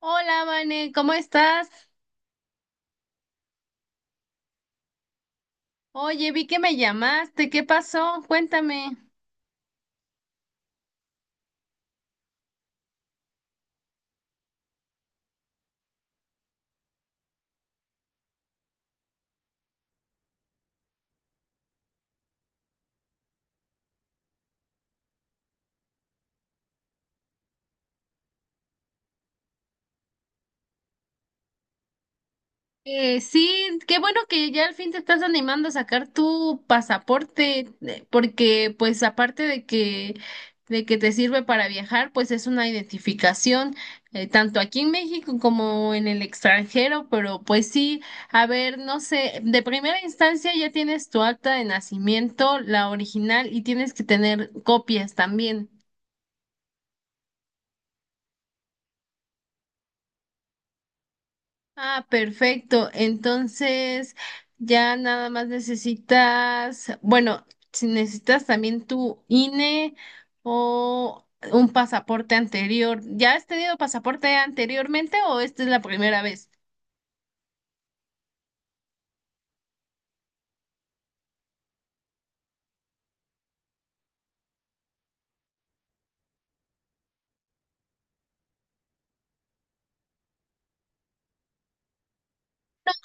Hola, Vane, ¿cómo estás? Oye, vi que me llamaste, ¿qué pasó? Cuéntame. Sí, qué bueno que ya al fin te estás animando a sacar tu pasaporte, porque pues aparte de que te sirve para viajar, pues es una identificación tanto aquí en México como en el extranjero, pero pues sí, a ver, no sé, de primera instancia ya tienes tu acta de nacimiento, la original, y tienes que tener copias también. Ah, perfecto. Entonces, ya nada más necesitas, bueno, si necesitas también tu INE o un pasaporte anterior. ¿Ya has tenido pasaporte anteriormente o esta es la primera vez?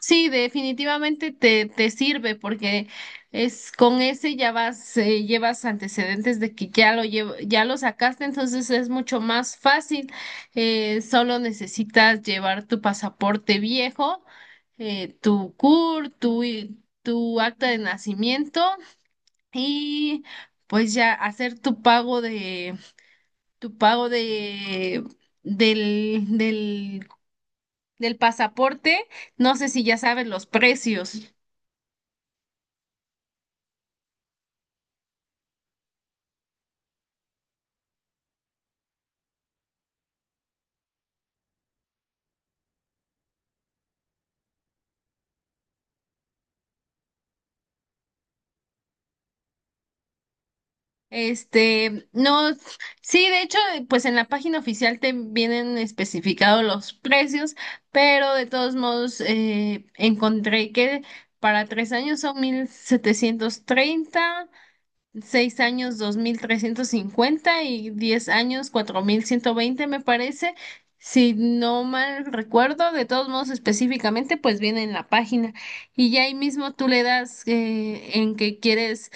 Sí, definitivamente te sirve porque es con ese ya vas, llevas antecedentes de que ya ya lo sacaste, entonces es mucho más fácil. Solo necesitas llevar tu pasaporte viejo, tu CUR, tu, i- tu acta de nacimiento y pues ya hacer tu pago del, del, del pasaporte. No sé si ya sabes los precios. No, sí, de hecho, pues en la página oficial te vienen especificados los precios, pero de todos modos encontré que para 3 años son 1,730. 6 años, 2,350; y 10 años, 4,120, me parece. Si no mal recuerdo, de todos modos específicamente, pues viene en la página. Y ya ahí mismo tú le das en que quieres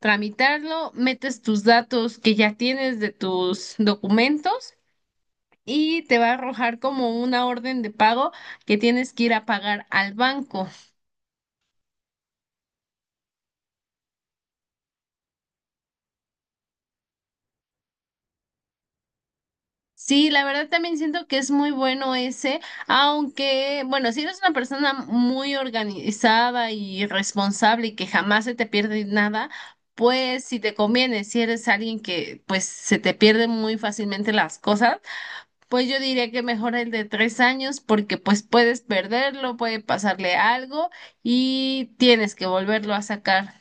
tramitarlo, metes tus datos que ya tienes de tus documentos y te va a arrojar como una orden de pago que tienes que ir a pagar al banco. Sí, la verdad también siento que es muy bueno ese, aunque, bueno, si eres una persona muy organizada y responsable y que jamás se te pierde nada, pues si te conviene, si eres alguien que pues se te pierden muy fácilmente las cosas, pues yo diría que mejor el de 3 años porque pues puedes perderlo, puede pasarle algo y tienes que volverlo a sacar.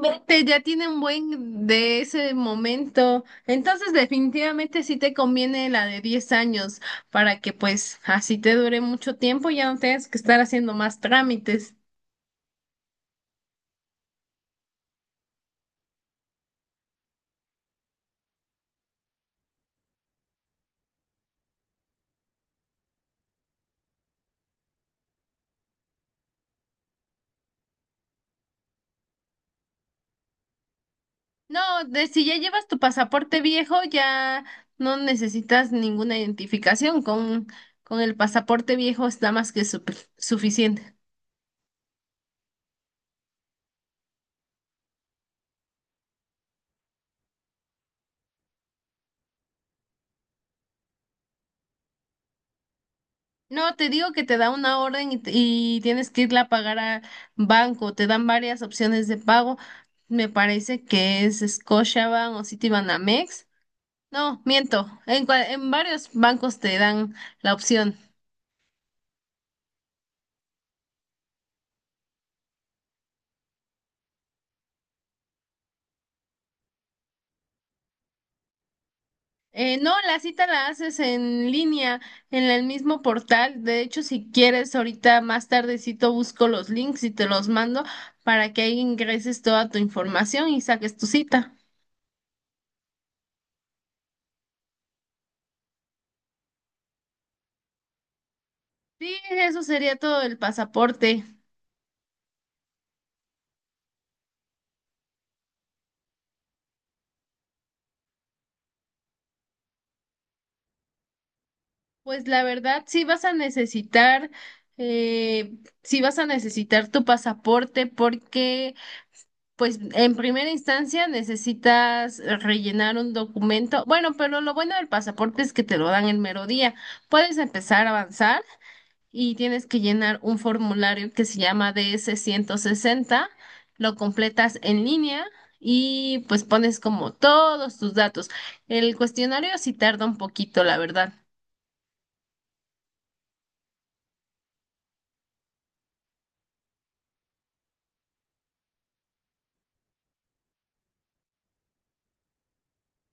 Vete, ya tiene un buen de ese momento. Entonces, definitivamente sí te conviene la de 10 años para que pues así te dure mucho tiempo y ya no tengas que estar haciendo más trámites. No, de si ya llevas tu pasaporte viejo, ya no necesitas ninguna identificación. Con el pasaporte viejo está más que suficiente. No, te digo que te da una orden y tienes que irla a pagar a banco. Te dan varias opciones de pago. Me parece que es Scotiabank o Citibanamex. No, miento. En varios bancos te dan la opción. No, la cita la haces en línea, en el mismo portal. De hecho, si quieres, ahorita más tardecito busco los links y te los mando para que ahí ingreses toda tu información y saques tu cita. Sí, eso sería todo el pasaporte. Pues la verdad, sí vas a necesitar, eh, sí vas a necesitar tu pasaporte porque, pues, en primera instancia necesitas rellenar un documento. Bueno, pero lo bueno del pasaporte es que te lo dan el mero día. Puedes empezar a avanzar y tienes que llenar un formulario que se llama DS-160. Lo completas en línea y pues pones como todos tus datos. El cuestionario sí tarda un poquito, la verdad.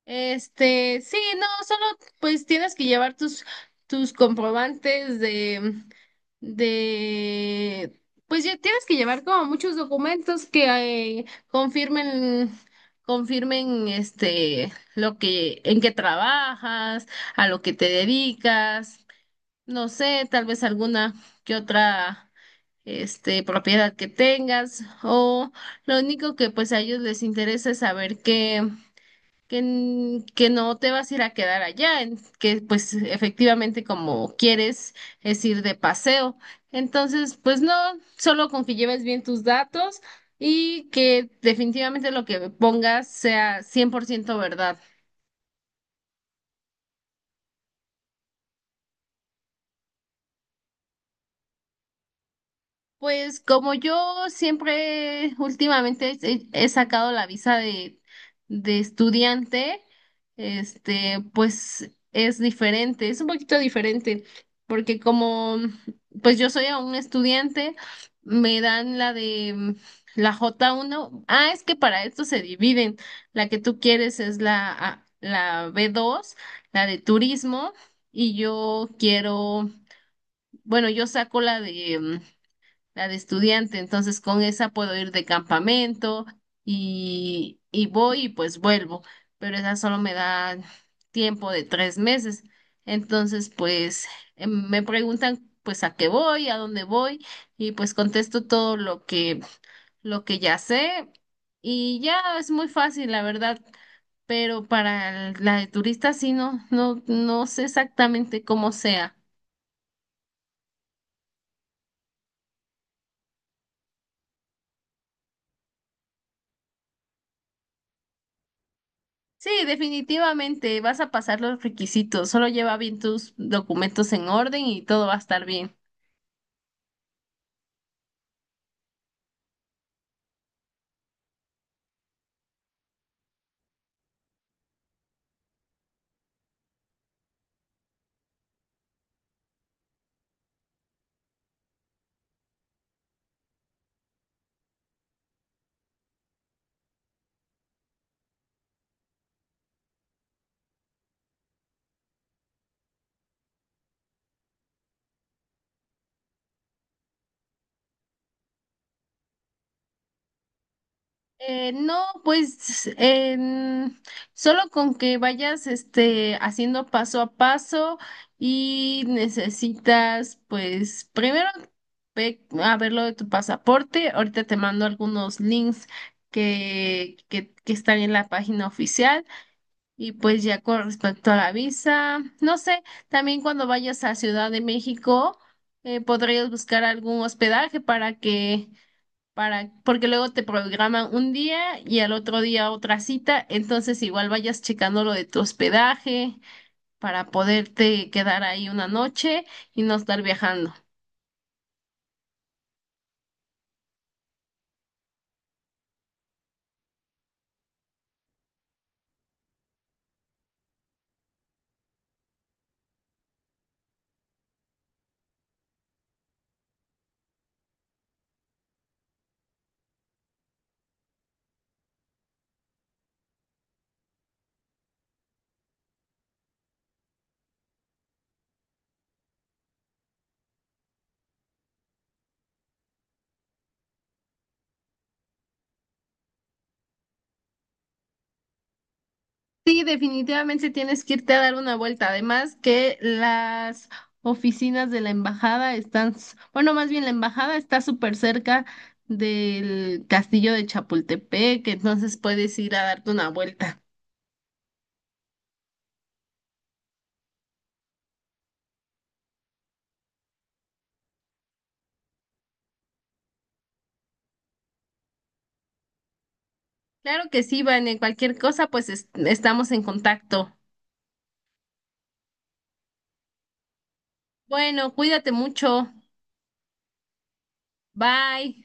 Sí, no, solo pues tienes que llevar tus comprobantes de, pues ya tienes que llevar como muchos documentos que confirmen en qué trabajas, a lo que te dedicas, no sé, tal vez alguna que otra, propiedad que tengas, o lo único que pues a ellos les interesa es saber que no te vas a ir a quedar allá, que pues efectivamente como quieres es ir de paseo. Entonces, pues no, solo con que lleves bien tus datos y que definitivamente lo que pongas sea 100% verdad. Pues como yo siempre últimamente he sacado la visa de estudiante, pues es diferente, es un poquito diferente, porque como pues yo soy aún estudiante, me dan la J1. Ah, es que para esto se dividen. La que tú quieres es la B2, la de turismo, y yo quiero, bueno, yo saco la de estudiante, entonces con esa puedo ir de campamento y voy y pues vuelvo, pero esa solo me da tiempo de 3 meses. Entonces, pues me preguntan pues a qué voy, a dónde voy y pues contesto todo lo que ya sé y ya es muy fácil, la verdad. Pero para la de turista sí no, no, no sé exactamente cómo sea. Sí, definitivamente vas a pasar los requisitos. Solo lleva bien tus documentos en orden y todo va a estar bien. No, pues solo con que vayas haciendo paso a paso y necesitas, pues primero ve a ver lo de tu pasaporte. Ahorita te mando algunos links que están en la página oficial. Y pues ya con respecto a la visa, no sé, también cuando vayas a Ciudad de México, podrías buscar algún hospedaje porque luego te programan un día y al otro día otra cita, entonces igual vayas checando lo de tu hospedaje para poderte quedar ahí una noche y no estar viajando. Sí, definitivamente tienes que irte a dar una vuelta. Además que las oficinas de la embajada están, bueno, más bien la embajada está súper cerca del castillo de Chapultepec, entonces puedes ir a darte una vuelta. Claro que sí, Van, en cualquier cosa, pues estamos en contacto. Bueno, cuídate mucho. Bye.